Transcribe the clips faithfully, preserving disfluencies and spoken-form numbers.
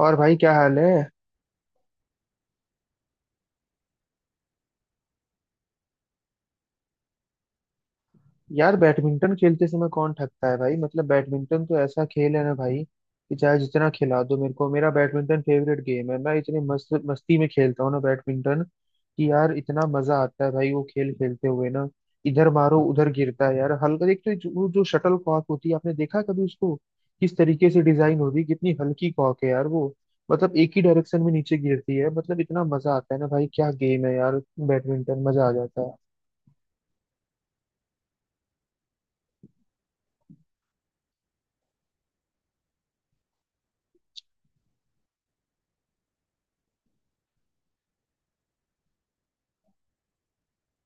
और भाई, क्या हाल है? यार बैडमिंटन खेलते समय कौन थकता है भाई, मतलब बैडमिंटन तो ऐसा खेल है ना भाई, कि चाहे जितना खिला दो मेरे को, मेरा बैडमिंटन फेवरेट गेम है। मैं इतनी मस्त मस्ती में खेलता हूँ ना बैडमिंटन, कि यार इतना मजा आता है भाई वो खेल खेलते हुए ना। इधर मारो उधर गिरता है यार, हल्का, एक तो जो, वो जो शटल कॉक होती है, आपने देखा कभी उसको किस तरीके से डिजाइन होती है, कितनी हल्की कॉक है यार वो। मतलब एक ही डायरेक्शन में नीचे गिरती है, मतलब इतना मजा आता है ना भाई, क्या गेम है यार बैडमिंटन, मजा आ जाता है।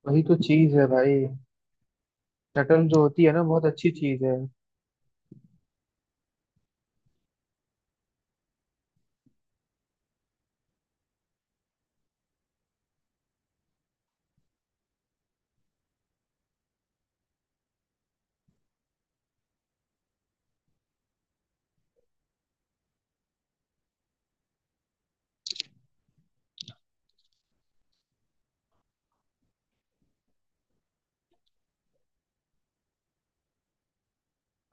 वही तो चीज है भाई, शटल जो होती है ना बहुत अच्छी चीज है।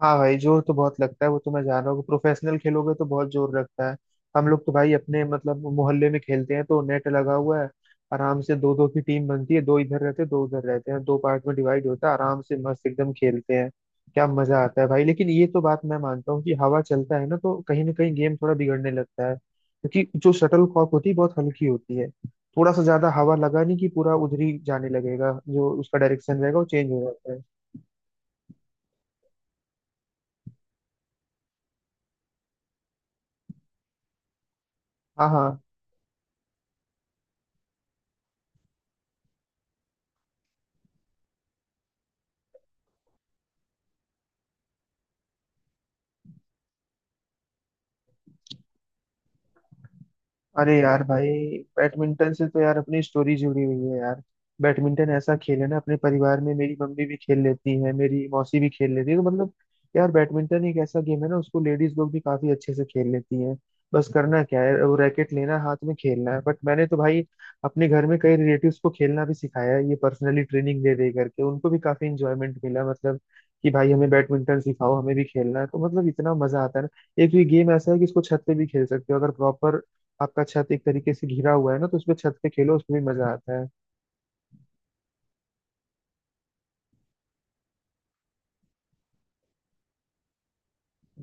हाँ भाई, जोर तो बहुत लगता है, वो तो मैं जान रहा हूँ, प्रोफेशनल खेलोगे तो बहुत जोर लगता है। हम लोग तो भाई अपने मतलब मोहल्ले में खेलते हैं, तो नेट लगा हुआ है, आराम से दो दो की टीम बनती है, दो इधर रहते हैं, दो उधर रहते हैं, दो पार्ट में डिवाइड होता है, आराम से मस्त एकदम खेलते हैं। क्या मजा आता है भाई! लेकिन ये तो बात मैं मानता हूँ कि हवा चलता है ना तो कहीं ना कहीं गेम थोड़ा बिगड़ने लगता है, क्योंकि जो शटल कॉक होती है बहुत हल्की होती है। थोड़ा सा ज्यादा हवा लगा नहीं कि पूरा उधर ही जाने लगेगा, जो उसका डायरेक्शन रहेगा वो चेंज हो जाता है। हाँ, हाँ। अरे यार भाई, बैडमिंटन से तो यार अपनी स्टोरी जुड़ी हुई है यार। बैडमिंटन ऐसा खेल है ना, अपने परिवार में मेरी मम्मी भी खेल लेती है, मेरी मौसी भी खेल लेती है, तो मतलब यार बैडमिंटन एक ऐसा गेम है ना उसको लेडीज लोग भी काफी अच्छे से खेल लेती हैं। बस करना क्या है, वो रैकेट लेना हाथ में, खेलना है। बट मैंने तो भाई अपने घर में कई रिलेटिव्स को खेलना भी सिखाया है, ये पर्सनली ट्रेनिंग दे दे करके उनको भी काफी इंजॉयमेंट मिला, मतलब कि भाई हमें बैडमिंटन सिखाओ, हमें भी खेलना है, तो मतलब इतना मजा आता है ना। एक तो ये गेम ऐसा है कि इसको छत पे भी खेल सकते हो, अगर प्रॉपर आपका छत एक तरीके से घिरा हुआ है ना, तो उसमें छत पे खेलो, उसमें भी मजा आता है।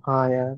हाँ यार,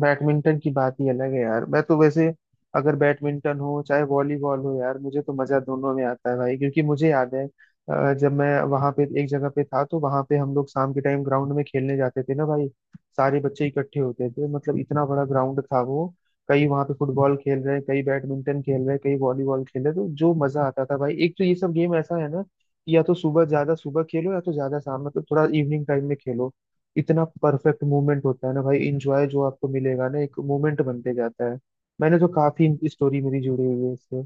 बैडमिंटन की बात ही अलग है यार। मैं तो वैसे अगर बैडमिंटन हो चाहे वॉलीबॉल हो, यार मुझे तो मजा दोनों में आता है भाई। क्योंकि मुझे याद है अ, जब मैं वहां पे एक जगह पे था, तो वहां पे हम लोग शाम के टाइम ग्राउंड में खेलने जाते थे ना भाई। सारे बच्चे इकट्ठे होते थे, मतलब इतना बड़ा ग्राउंड था वो। कई वहां पे फुटबॉल खेल रहे हैं, कई बैडमिंटन खेल रहे हैं, कई वॉलीबॉल खेल रहे हैं, तो जो मजा आता था भाई! एक तो ये सब गेम ऐसा है ना कि या तो सुबह, ज्यादा सुबह खेलो, या तो ज्यादा शाम, मतलब थोड़ा इवनिंग टाइम में खेलो। इतना परफेक्ट मूवमेंट होता है ना भाई, इंजॉय जो आपको मिलेगा ना, एक मूवमेंट बनते जाता है। मैंने तो काफी स्टोरी मेरी जुड़ी हुई है इससे।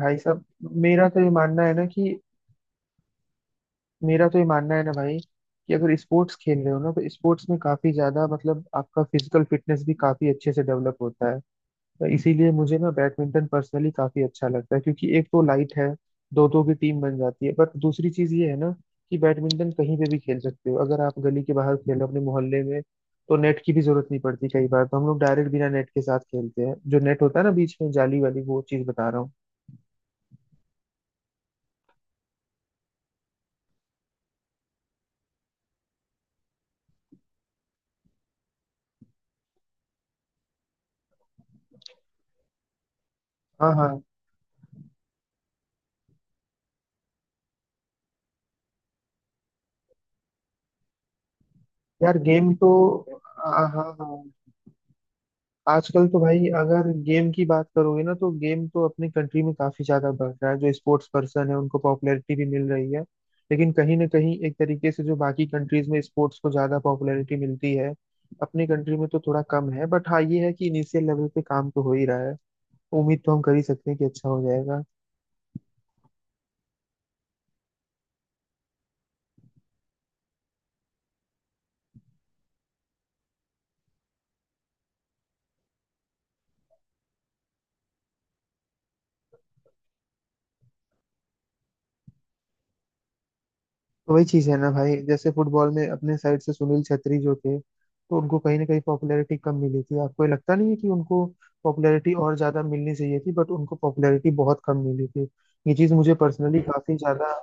भाई साहब, मेरा तो ये मानना है ना कि मेरा तो ये मानना है ना भाई कि अगर स्पोर्ट्स खेल रहे हो ना तो स्पोर्ट्स में काफी ज्यादा मतलब आपका फिजिकल फिटनेस भी काफी अच्छे से डेवलप होता है। तो इसीलिए मुझे ना बैडमिंटन पर्सनली काफी अच्छा लगता है, क्योंकि एक तो लाइट है, दो दो की टीम बन जाती है। बट दूसरी चीज ये है ना कि बैडमिंटन कहीं पे भी खेल सकते हो, अगर आप गली के बाहर खेलो अपने मोहल्ले में, तो नेट की भी जरूरत नहीं पड़ती। कई बार तो हम लोग डायरेक्ट बिना नेट के साथ खेलते हैं, जो नेट होता है ना बीच में, जाली वाली, वो चीज बता रहा हूँ। हाँ, हाँ। यार गेम तो, हाँ, हाँ, हाँ। आजकल तो भाई अगर गेम की बात करोगे ना, तो गेम तो अपनी कंट्री में काफी ज्यादा बढ़ रहा है, जो स्पोर्ट्स पर्सन है उनको पॉपुलैरिटी भी मिल रही है। लेकिन कहीं ना कहीं एक तरीके से जो बाकी कंट्रीज में स्पोर्ट्स को ज्यादा पॉपुलैरिटी मिलती है, अपनी कंट्री में तो थोड़ा कम है। बट हाँ, ये है कि इनिशियल लेवल पे काम तो हो ही रहा है, उम्मीद तो हम कर ही सकते हैं कि अच्छा हो जाएगा। तो वही चीज है ना भाई, जैसे फुटबॉल में अपने साइड से सुनील छेत्री जो थे, तो उनको कहीं ना कहीं पॉपुलैरिटी कम मिली थी। आपको ये लगता नहीं है कि उनको पॉपुलैरिटी और ज्यादा मिलनी चाहिए थी? बट उनको पॉपुलैरिटी बहुत कम मिली थी। ये चीज मुझे पर्सनली काफी ज्यादा,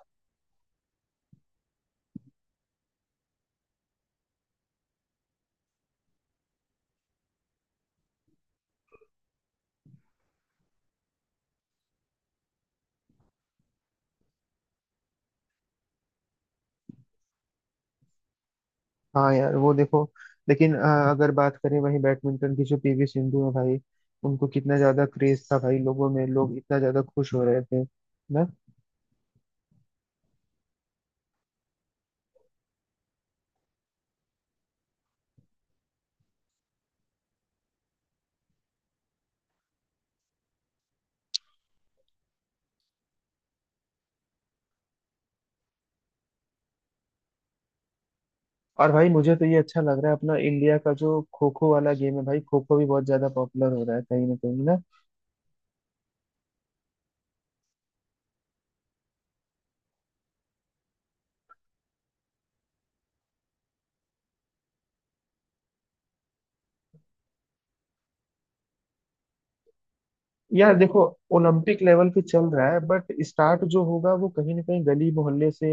हाँ यार वो देखो। लेकिन अ, अगर बात करें वहीं बैडमिंटन की, जो पीवी सिंधु है भाई, उनको कितना ज्यादा क्रेज था भाई लोगों में, लोग इतना ज्यादा खुश हो रहे थे ना। और भाई मुझे तो ये अच्छा लग रहा है, अपना इंडिया का जो खो खो वाला गेम है भाई, खो खो भी बहुत ज्यादा पॉपुलर हो रहा है कहीं ना कहीं। यार देखो, ओलंपिक लेवल पे चल रहा है, बट स्टार्ट जो होगा वो कहीं ना कहीं गली मोहल्ले से।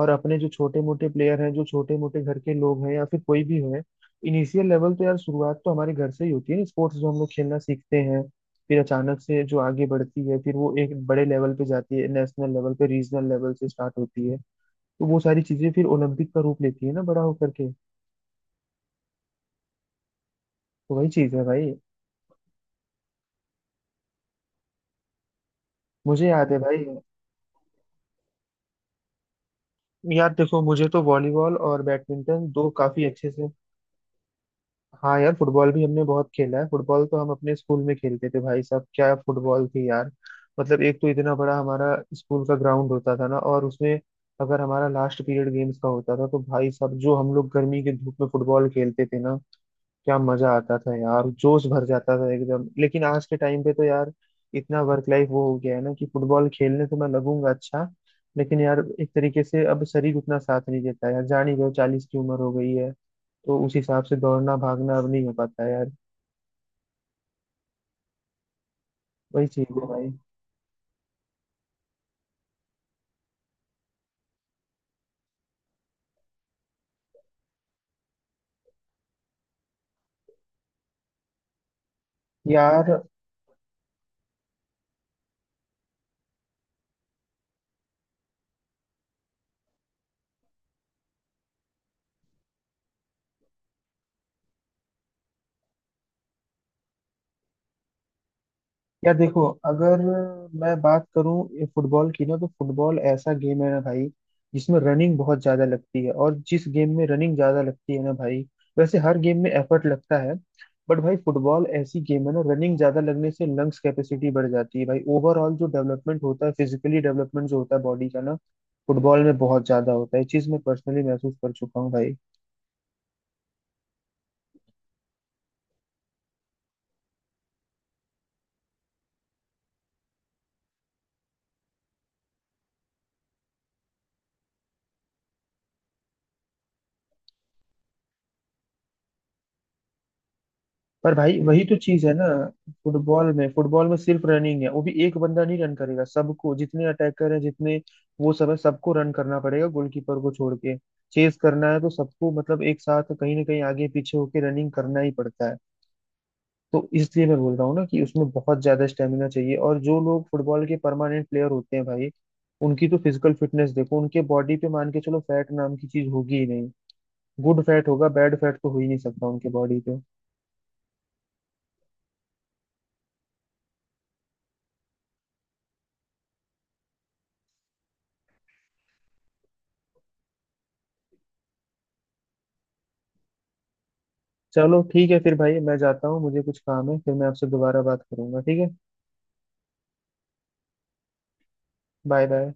और अपने जो छोटे मोटे प्लेयर हैं, जो छोटे मोटे घर के लोग हैं, या फिर कोई भी है, इनिशियल लेवल तो यार, शुरुआत तो हमारे घर से ही होती है ना, स्पोर्ट्स जो हम लोग खेलना सीखते हैं। फिर अचानक से जो आगे बढ़ती है, फिर वो एक बड़े लेवल पे जाती है, नेशनल लेवल पे, रीजनल लेवल से स्टार्ट होती है। तो वो सारी चीजें फिर ओलंपिक का रूप लेती है ना, बड़ा होकर के। तो वही चीज है भाई। मुझे याद है भाई। यार देखो, मुझे तो वॉलीबॉल और बैडमिंटन दो काफी अच्छे से। हाँ यार, फुटबॉल भी हमने बहुत खेला है। फुटबॉल तो हम अपने स्कूल में खेलते थे भाई साहब, क्या फुटबॉल थी यार! मतलब एक तो इतना बड़ा हमारा स्कूल का ग्राउंड होता था ना, और उसमें अगर हमारा लास्ट पीरियड गेम्स का होता था, तो भाई साहब, जो हम लोग गर्मी के धूप में फुटबॉल खेलते थे ना, क्या मजा आता था यार, जोश भर जाता था एकदम। लेकिन आज के टाइम पे तो यार इतना वर्क लाइफ वो हो गया है ना, कि फुटबॉल खेलने तो मैं लगूंगा, अच्छा लेकिन यार एक तरीके से अब शरीर उतना साथ नहीं देता यार। जान ही रहे हो, चालीस की उम्र हो गई है, तो उस हिसाब से दौड़ना भागना अब नहीं हो पाता है यार। वही चीज है भाई। यार या देखो, अगर मैं बात करूं फुटबॉल की ना, तो फुटबॉल ऐसा गेम है ना भाई जिसमें रनिंग बहुत ज्यादा लगती है। और जिस गेम में रनिंग ज्यादा लगती है ना भाई, वैसे हर गेम में एफर्ट लगता है, बट भाई फुटबॉल ऐसी गेम है ना, रनिंग ज्यादा लगने से लंग्स कैपेसिटी बढ़ जाती है भाई, ओवरऑल जो डेवलपमेंट होता है, फिजिकली डेवलपमेंट जो होता है बॉडी का ना, फुटबॉल में बहुत ज्यादा होता है। ये चीज मैं पर्सनली महसूस कर चुका हूँ भाई। पर भाई वही तो चीज है ना, फुटबॉल में फुटबॉल में सिर्फ रनिंग है, वो भी एक बंदा नहीं रन करेगा, सबको, जितने अटैकर हैं, जितने वो सब है, सबको रन करना पड़ेगा, गोलकीपर को छोड़ के। चेस करना है तो सबको, मतलब एक साथ कहीं ना कहीं आगे पीछे होके रनिंग करना ही पड़ता है। तो इसलिए मैं बोल रहा हूँ ना कि उसमें बहुत ज्यादा स्टेमिना चाहिए। और जो लोग फुटबॉल के परमानेंट प्लेयर होते हैं भाई, उनकी तो फिजिकल फिटनेस देखो, उनके बॉडी पे मान के चलो फैट नाम की चीज होगी ही नहीं। गुड फैट होगा, बैड फैट तो हो ही नहीं सकता उनके बॉडी पे। चलो ठीक है फिर भाई, मैं जाता हूँ, मुझे कुछ काम है, फिर मैं आपसे दोबारा बात करूंगा, ठीक है? Bye bye.